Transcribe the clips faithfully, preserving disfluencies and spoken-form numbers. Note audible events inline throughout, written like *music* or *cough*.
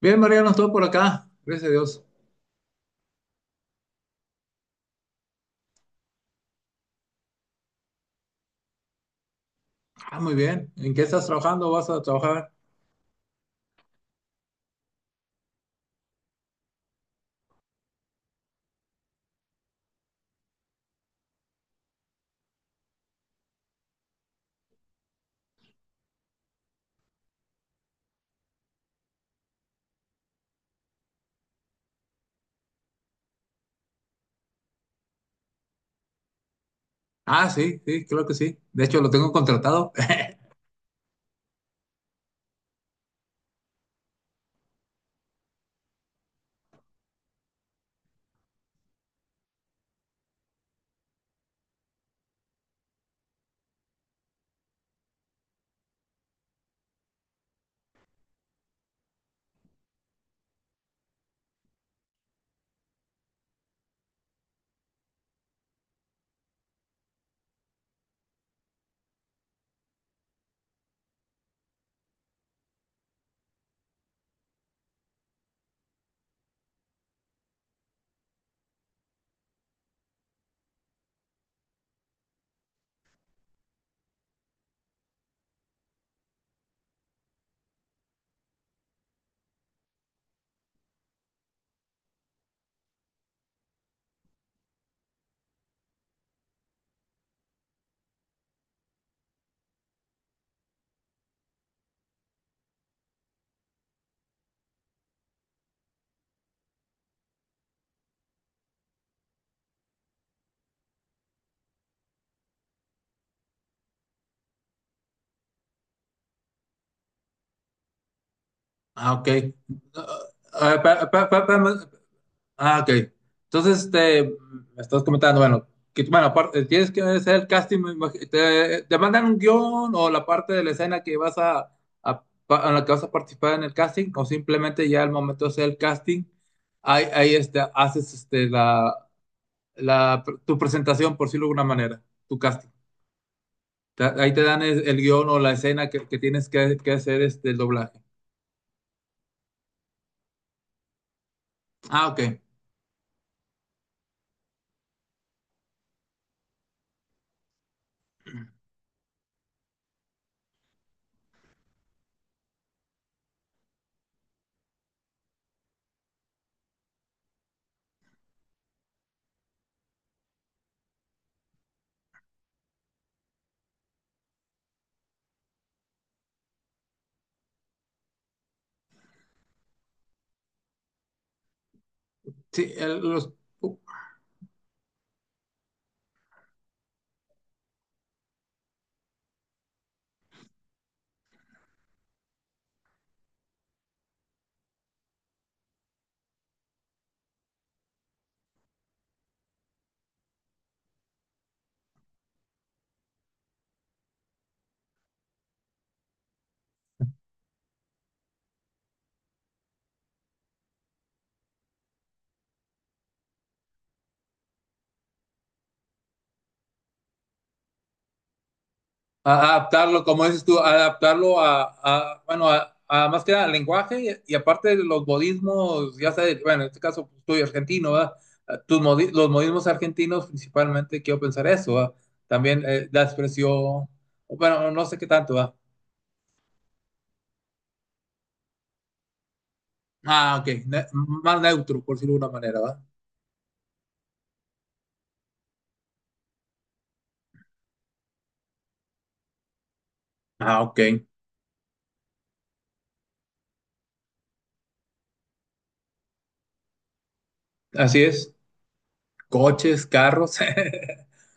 Bien, Mariano, estoy por acá. Gracias a Dios. Ah, muy bien. ¿En qué estás trabajando? ¿Vas a trabajar? Ah, sí, sí, claro que sí. De hecho, lo tengo contratado. *laughs* Ah, ok. Ah, eh, pa- pa- pa- pa- ah, ok. Entonces, este, me estás comentando, bueno, que, bueno, aparte, tienes que hacer el casting, me imag- te, te mandan un guión o la parte de la escena que vas a, a- pa- en la que vas a participar en el casting, o simplemente ya al momento de hacer el casting, ahí, ahí este, haces este, la, la- tu presentación, por decirlo de alguna manera, tu casting. Te- ahí te dan es- el guión o la escena que, que tienes que, que hacer este, el doblaje. Ah, ok. Sí, el- los, a- adaptarlo, como dices tú, adaptarlo a, a- bueno, a, a más que nada al lenguaje y, y aparte de los modismos, ya sabes, bueno, en este caso pues, tú y argentino, ¿verdad? Ah, Tus modi- los modismos argentinos principalmente, quiero pensar eso, ¿verdad? También eh, la expresión, bueno, no sé qué tanto, ¿verdad? Ah, ok, ne- más neutro, por decirlo de una manera, ¿verdad? Ah, ok. Así es. Coches, carros. *laughs*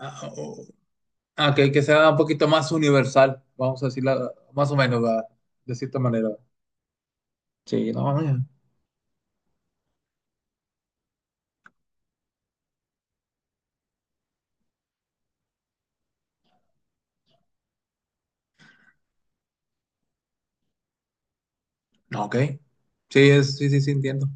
Ah, o- ah, que, que sea un poquito más universal, vamos a decirla más o menos, ¿verdad? De cierta manera. Sí, no, no, ya. Ah, ok. Sí, es, sí, sí, sí, entiendo.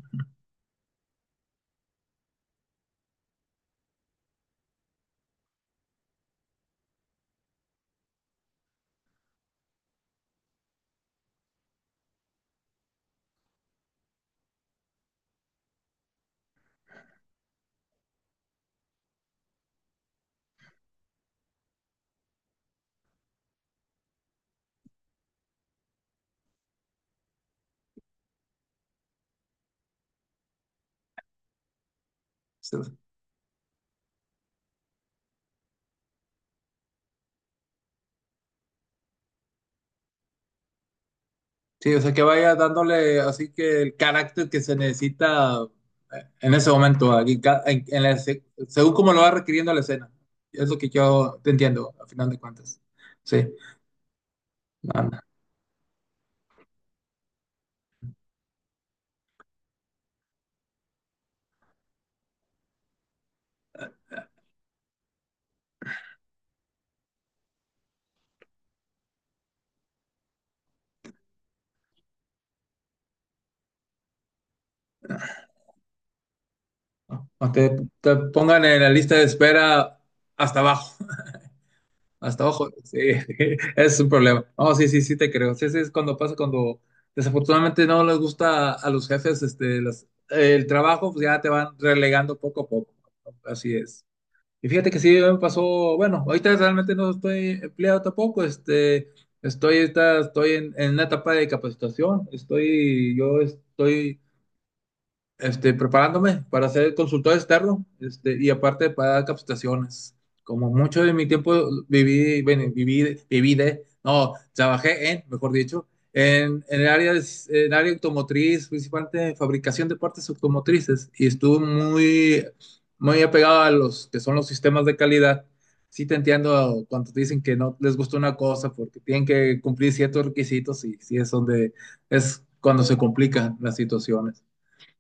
Sí, sí, o sea, que vaya dándole así que el carácter que se necesita eh, en ese momento, aquí, ca- en, en la esce- según como lo va requiriendo la escena. Es lo que yo te entiendo, a final de cuentas. Sí. Ah, no. No, no te, te pongan en la lista de espera hasta abajo. *laughs* Hasta abajo. Sí, *laughs* es un problema. No, sí, sí, sí te creo. Sí, sí, es cuando pasa, cuando desafortunadamente no les gusta a los jefes este, las, el trabajo, pues ya te van relegando poco a poco. ¿No? Así es. Y fíjate que sí me pasó, bueno, ahorita realmente no estoy empleado tampoco, este, estoy, ahorita estoy en, en una etapa de capacitación, estoy, yo estoy este, preparándome para ser consultor externo, este, y aparte para dar capacitaciones. Como mucho de mi tiempo viví, bueno, viví, viví de, no, trabajé en, mejor dicho, en, en el área, de- en el área automotriz, principalmente en fabricación de partes automotrices, y estuve muy, muy apegado a los que son los sistemas de calidad. Sí te entiendo cuando te dicen que no les gusta una cosa porque tienen que cumplir ciertos requisitos y sí es donde es cuando se complican las situaciones.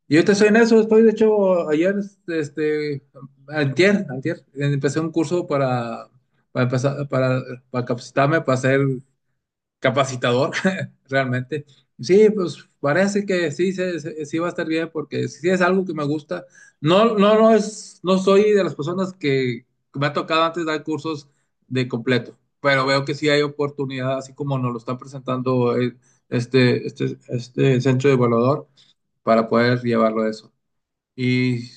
Yo ahorita estoy en eso, estoy de hecho ayer, este, antier, antier, empecé un curso para, para empezar, para, para capacitarme, para ser capacitador, *laughs* realmente. Sí, pues parece que sí, se- se- sí va a estar bien, porque sí sí es algo que me gusta. No, no, no es, no soy de las personas que me ha tocado antes dar cursos de completo, pero veo que sí hay oportunidad, así como nos lo están presentando eh, este, este, este centro de evaluador, para poder llevarlo a eso. Y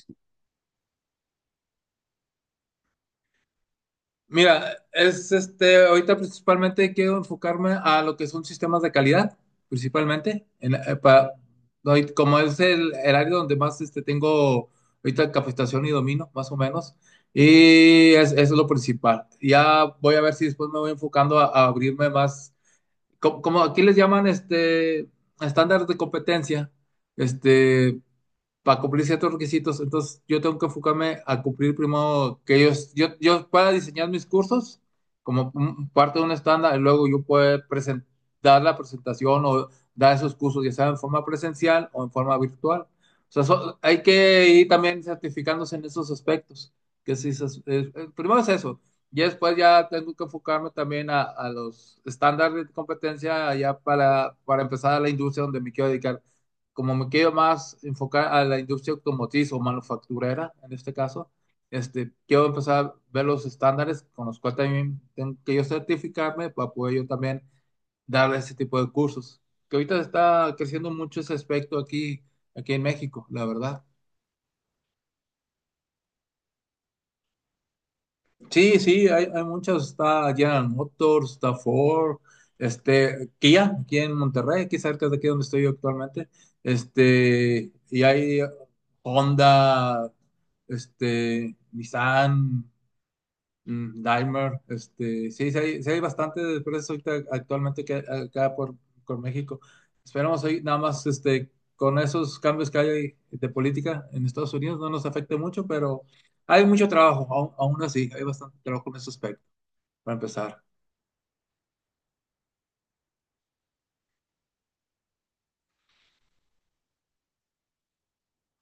mira, es este, ahorita principalmente quiero enfocarme a lo que son sistemas de calidad, principalmente, en, eh, pa- ahorita- como es el, el área donde más este, tengo ahorita capacitación y domino, más o menos, y es- eso es lo principal. Ya voy a ver si después me voy enfocando a, a abrirme más, co- como, aquí les llaman este, estándares de competencia, este, para cumplir ciertos requisitos. Entonces, yo tengo que enfocarme a cumplir primero que ellos, yo, yo para diseñar mis cursos como un- parte de un estándar y luego yo puedo presentar la presentación o dar esos cursos, ya sea en forma presencial o en forma virtual. O sea, so- hay que ir también certificándose en esos aspectos. Que sí, se- eh, eh, primero es eso. Y después ya tengo que enfocarme también a, a los estándares de competencia ya para, para empezar a la industria donde me quiero dedicar como me quiero más enfocar a la industria automotriz o manufacturera, en este caso, este, quiero empezar a ver los estándares con los cuales también tengo que yo certificarme para poder yo también dar ese tipo de cursos, que ahorita está creciendo mucho ese aspecto aquí, aquí en México, la verdad. Sí, sí, hay, hay muchas, está General Motors, está Ford, este, Kia, aquí en Monterrey, aquí cerca de aquí donde estoy yo actualmente, este, y hay Honda, este, Nissan, Mm, Dahmer, este, sí, sí hay, sí hay bastante de empresas ahorita actualmente que hay acá por, por México. Esperamos ahí, nada más este, con esos cambios que hay de política en Estados Unidos no nos afecte mucho, pero hay mucho trabajo, aún, aún así, hay bastante trabajo en ese aspecto, para empezar.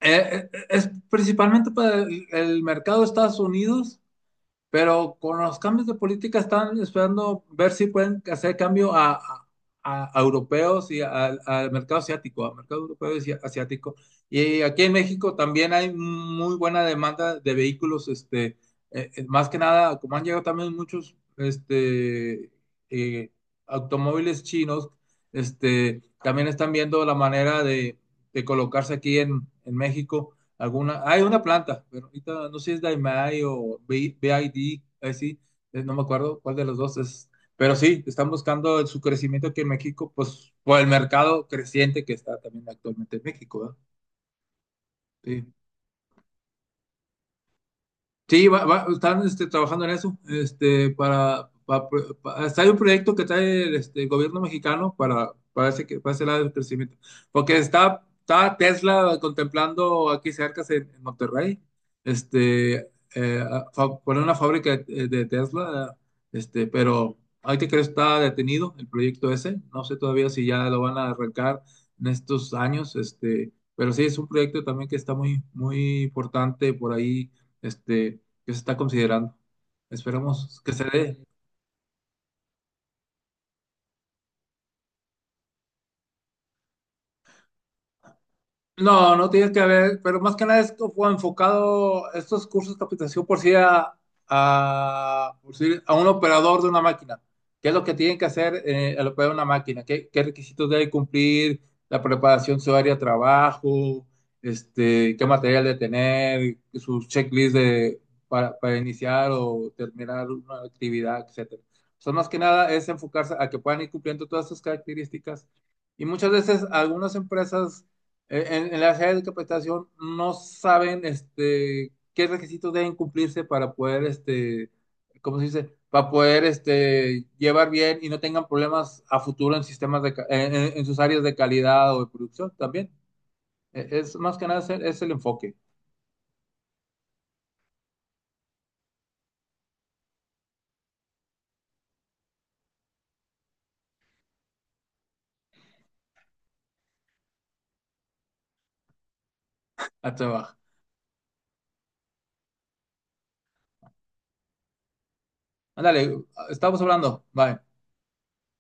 Eh, eh, es principalmente para el, el mercado de Estados Unidos. Pero con los cambios de política están esperando ver si pueden hacer cambio a, a- a europeos y al al mercado asiático, al mercado europeo y asi- asiático. Y aquí en México también hay muy buena demanda de vehículos, este, eh, eh, más que nada, como han llegado también muchos este, eh, automóviles chinos, este, también están viendo la manera de, de colocarse aquí en, en México alguna, hay una planta, pero ahorita no sé si es Daimai o B- BID, así, eh, no me acuerdo cuál de los dos es, pero sí, están buscando su crecimiento aquí en México, pues por el mercado creciente que está también actualmente en México, ¿verdad? Sí. Sí, va- va- están este, trabajando en eso. Este, para, pa- pa- hasta hay un proyecto que trae el, este, gobierno mexicano para, para, ese, que- para ese lado del crecimiento. Porque está, está Tesla contemplando aquí cerca en, en Monterrey, este, eh, a- fa- poner una fábrica de, de Tesla. Este, pero hay que creer está detenido el proyecto ese. No sé todavía si ya lo van a arrancar en estos años. Este, pero sí, es un proyecto también que está muy, muy importante por ahí este, que se está considerando. Esperemos que se dé. No, no tienes que ver, pero más que nada esto fue enfocado, estos cursos de capacitación por sí a, a, por sí a un operador de una máquina. ¿Qué es lo que tienen que hacer eh, al operar una máquina? ¿Qué, qué requisitos debe cumplir? La preparación, su área de trabajo, este, qué material debe tener, sus checklists de, para, para iniciar o terminar una actividad, etcétera. O sea, más que nada es enfocarse a que puedan ir cumpliendo todas estas características. Y muchas veces algunas empresas eh, En, en las áreas de capacitación no saben este, qué requisitos deben cumplirse para poder, este, ¿cómo se dice? Para poder este, llevar bien y no tengan problemas a futuro en sistemas de, ca- en, en- en sus áreas de calidad o de producción también. E- Es más que nada es el, es el enfoque a trabajo. Ándale, estamos hablando. Bye.